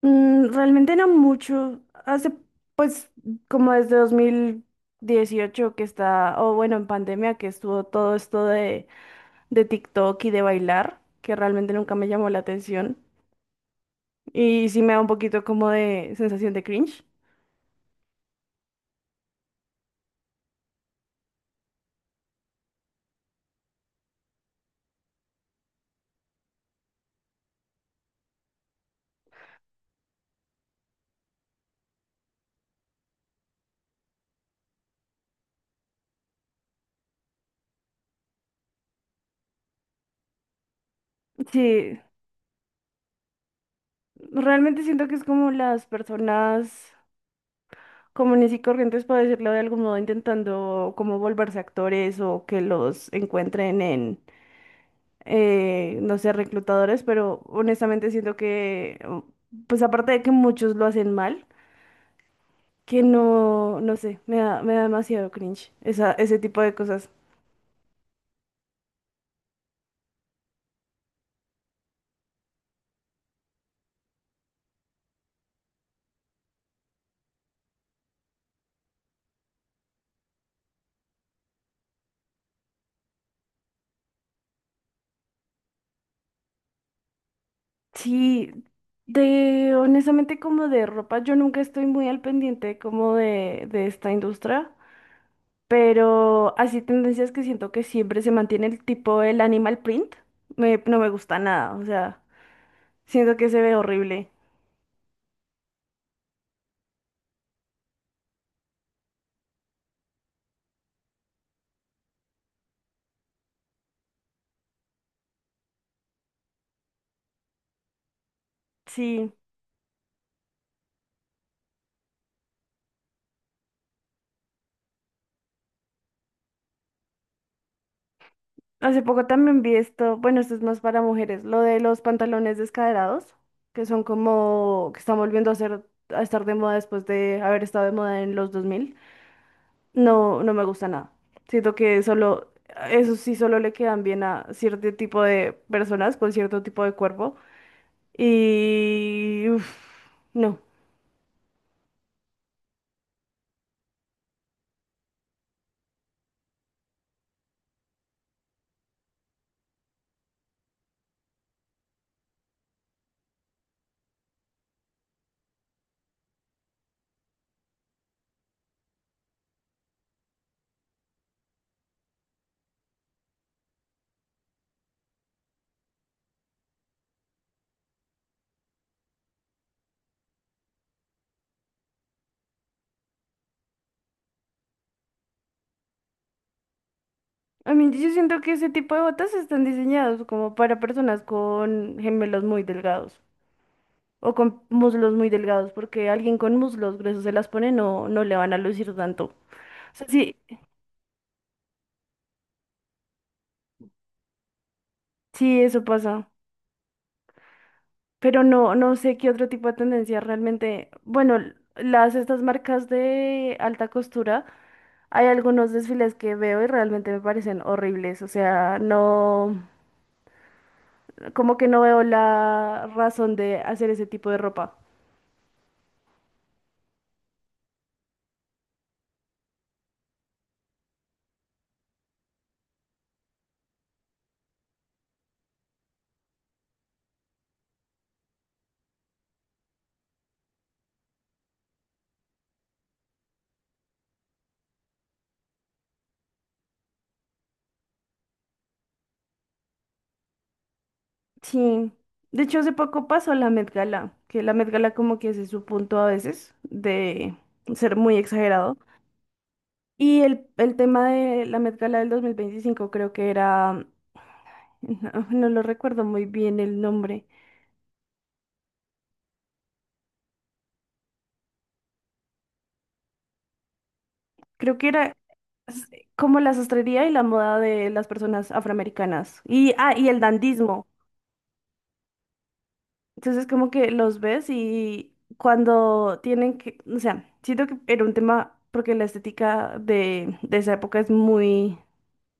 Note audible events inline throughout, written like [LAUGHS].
Realmente no mucho. Pues, como desde dos mil dieciocho que en pandemia que estuvo todo esto de TikTok y de bailar, que realmente nunca me llamó la atención. Y sí me da un poquito como de sensación de cringe. Sí, realmente siento que es como las personas comunes y corrientes, por decirlo de algún modo, intentando como volverse actores o que los encuentren en no sé, reclutadores, pero honestamente siento que, pues aparte de que muchos lo hacen mal, que no, no sé, me da demasiado cringe ese tipo de cosas. Sí, de honestamente como de ropa, yo nunca estoy muy al pendiente como de esta industria, pero así tendencias que siento que siempre se mantiene el tipo el animal print, no me gusta nada, o sea, siento que se ve horrible. Sí. Hace poco también vi esto, bueno, esto es más para mujeres, lo de los pantalones descaderados, que que están volviendo a a estar de moda después de haber estado de moda en los 2000. No, no me gusta nada. Siento que solo, eso sí solo le quedan bien a cierto tipo de personas con cierto tipo de cuerpo. Y, uf, no. A mí yo siento que ese tipo de botas están diseñados como para personas con gemelos muy delgados. O con muslos muy delgados, porque alguien con muslos gruesos se las pone, no le van a lucir tanto. O sea, sí, sí, eso pasa. Pero no, no sé qué otro tipo de tendencia realmente. Bueno, las estas marcas de alta costura, hay algunos desfiles que veo y realmente me parecen horribles. O sea, no, como que no veo la razón de hacer ese tipo de ropa. Sí, de hecho hace poco pasó la Met Gala, que la Met Gala como que ese es su punto a veces de ser muy exagerado. Y el tema de la Met Gala del 2025 creo que era, [LAUGHS] no lo recuerdo muy bien el nombre, creo que era como la sastrería y la moda de las personas afroamericanas. Y, ah, y el dandismo. Entonces como que los ves y cuando tienen que, o sea, siento que era un tema porque la estética de esa época es muy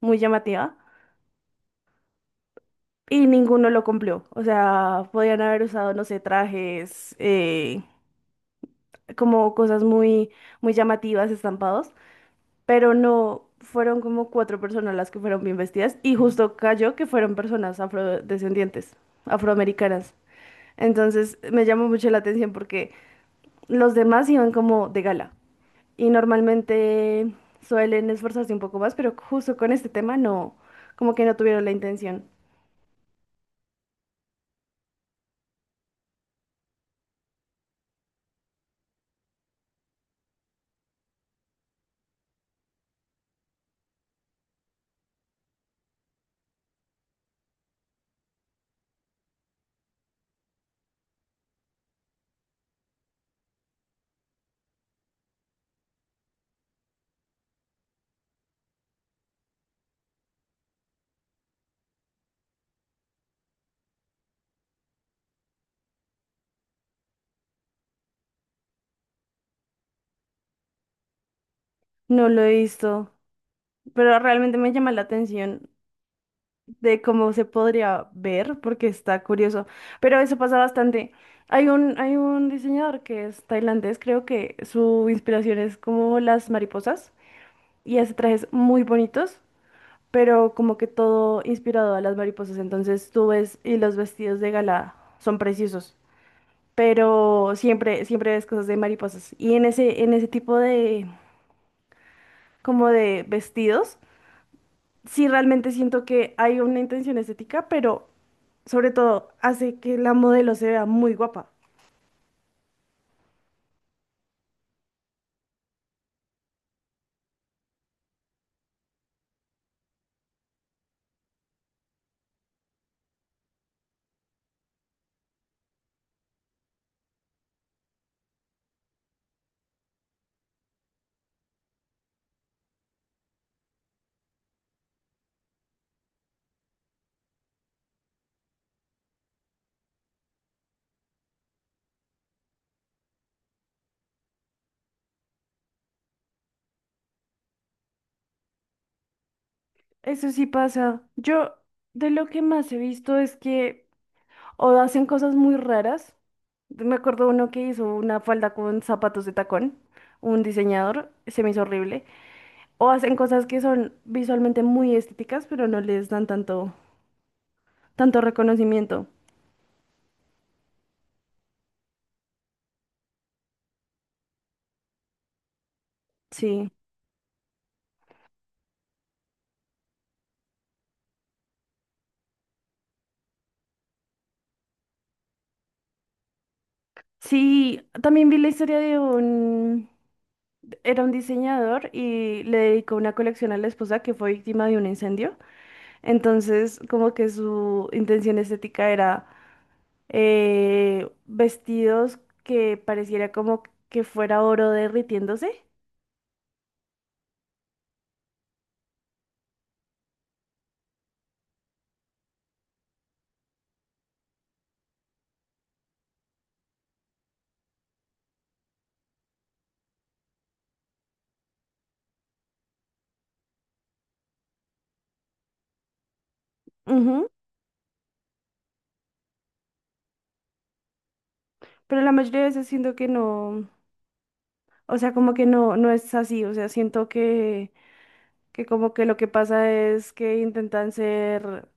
muy llamativa y ninguno lo cumplió. O sea, podían haber usado, no sé, trajes, como cosas muy, muy llamativas, estampados, pero no fueron como cuatro personas las que fueron bien vestidas y justo cayó que fueron personas afrodescendientes, afroamericanas. Entonces me llamó mucho la atención porque los demás iban como de gala y normalmente suelen esforzarse un poco más, pero justo con este tema no, como que no tuvieron la intención. No lo he visto, pero realmente me llama la atención de cómo se podría ver, porque está curioso. Pero eso pasa bastante. Hay un diseñador que es tailandés, creo que su inspiración es como las mariposas y hace trajes muy bonitos, pero como que todo inspirado a las mariposas. Entonces tú ves y los vestidos de gala son preciosos, pero siempre, siempre ves cosas de mariposas. Y en en ese tipo como de vestidos. Sí, realmente siento que hay una intención estética, pero sobre todo hace que la modelo se vea muy guapa. Eso sí pasa. Yo de lo que más he visto es que o hacen cosas muy raras. Me acuerdo uno que hizo una falda con zapatos de tacón, un diseñador, se me hizo horrible. O hacen cosas que son visualmente muy estéticas, pero no les dan tanto reconocimiento. Sí. Sí, también vi la historia de un. Era un diseñador y le dedicó una colección a la esposa que fue víctima de un incendio. Entonces, como que su intención estética era vestidos que pareciera como que fuera oro derritiéndose. Ujú. Pero la mayoría de veces siento que no, o sea, como que no, no es así. O sea, siento que como que lo que pasa es que intentan ser,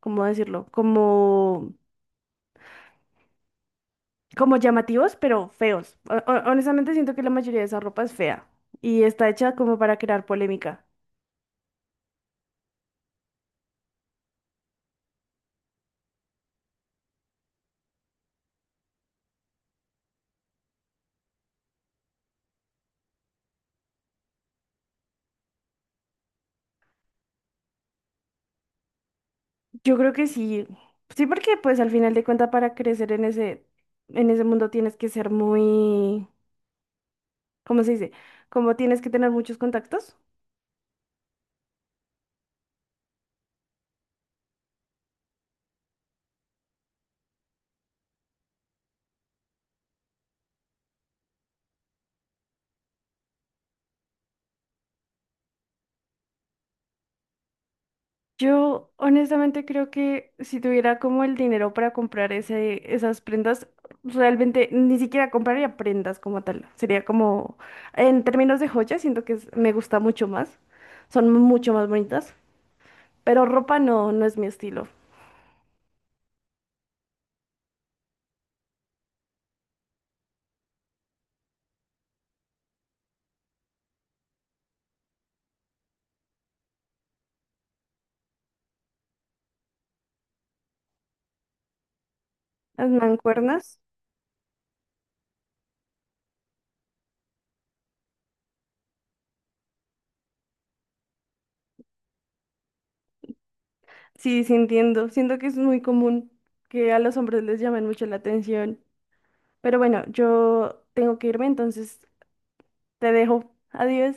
¿cómo decirlo? Como llamativos, pero feos. Honestamente siento que la mayoría de esa ropa es fea y está hecha como para crear polémica. Yo creo que sí, sí porque pues al final de cuentas para crecer en en ese mundo tienes que ser muy, ¿cómo se dice? Como tienes que tener muchos contactos. Yo honestamente creo que si tuviera como el dinero para comprar esas prendas, realmente ni siquiera compraría prendas como tal. Sería como, en términos de joyas, me gusta mucho más. Son mucho más bonitas. Pero ropa no, no es mi estilo. Las mancuernas, sí, sí entiendo. Siento que es muy común que a los hombres les llamen mucho la atención. Pero bueno, yo tengo que irme, entonces te dejo. Adiós.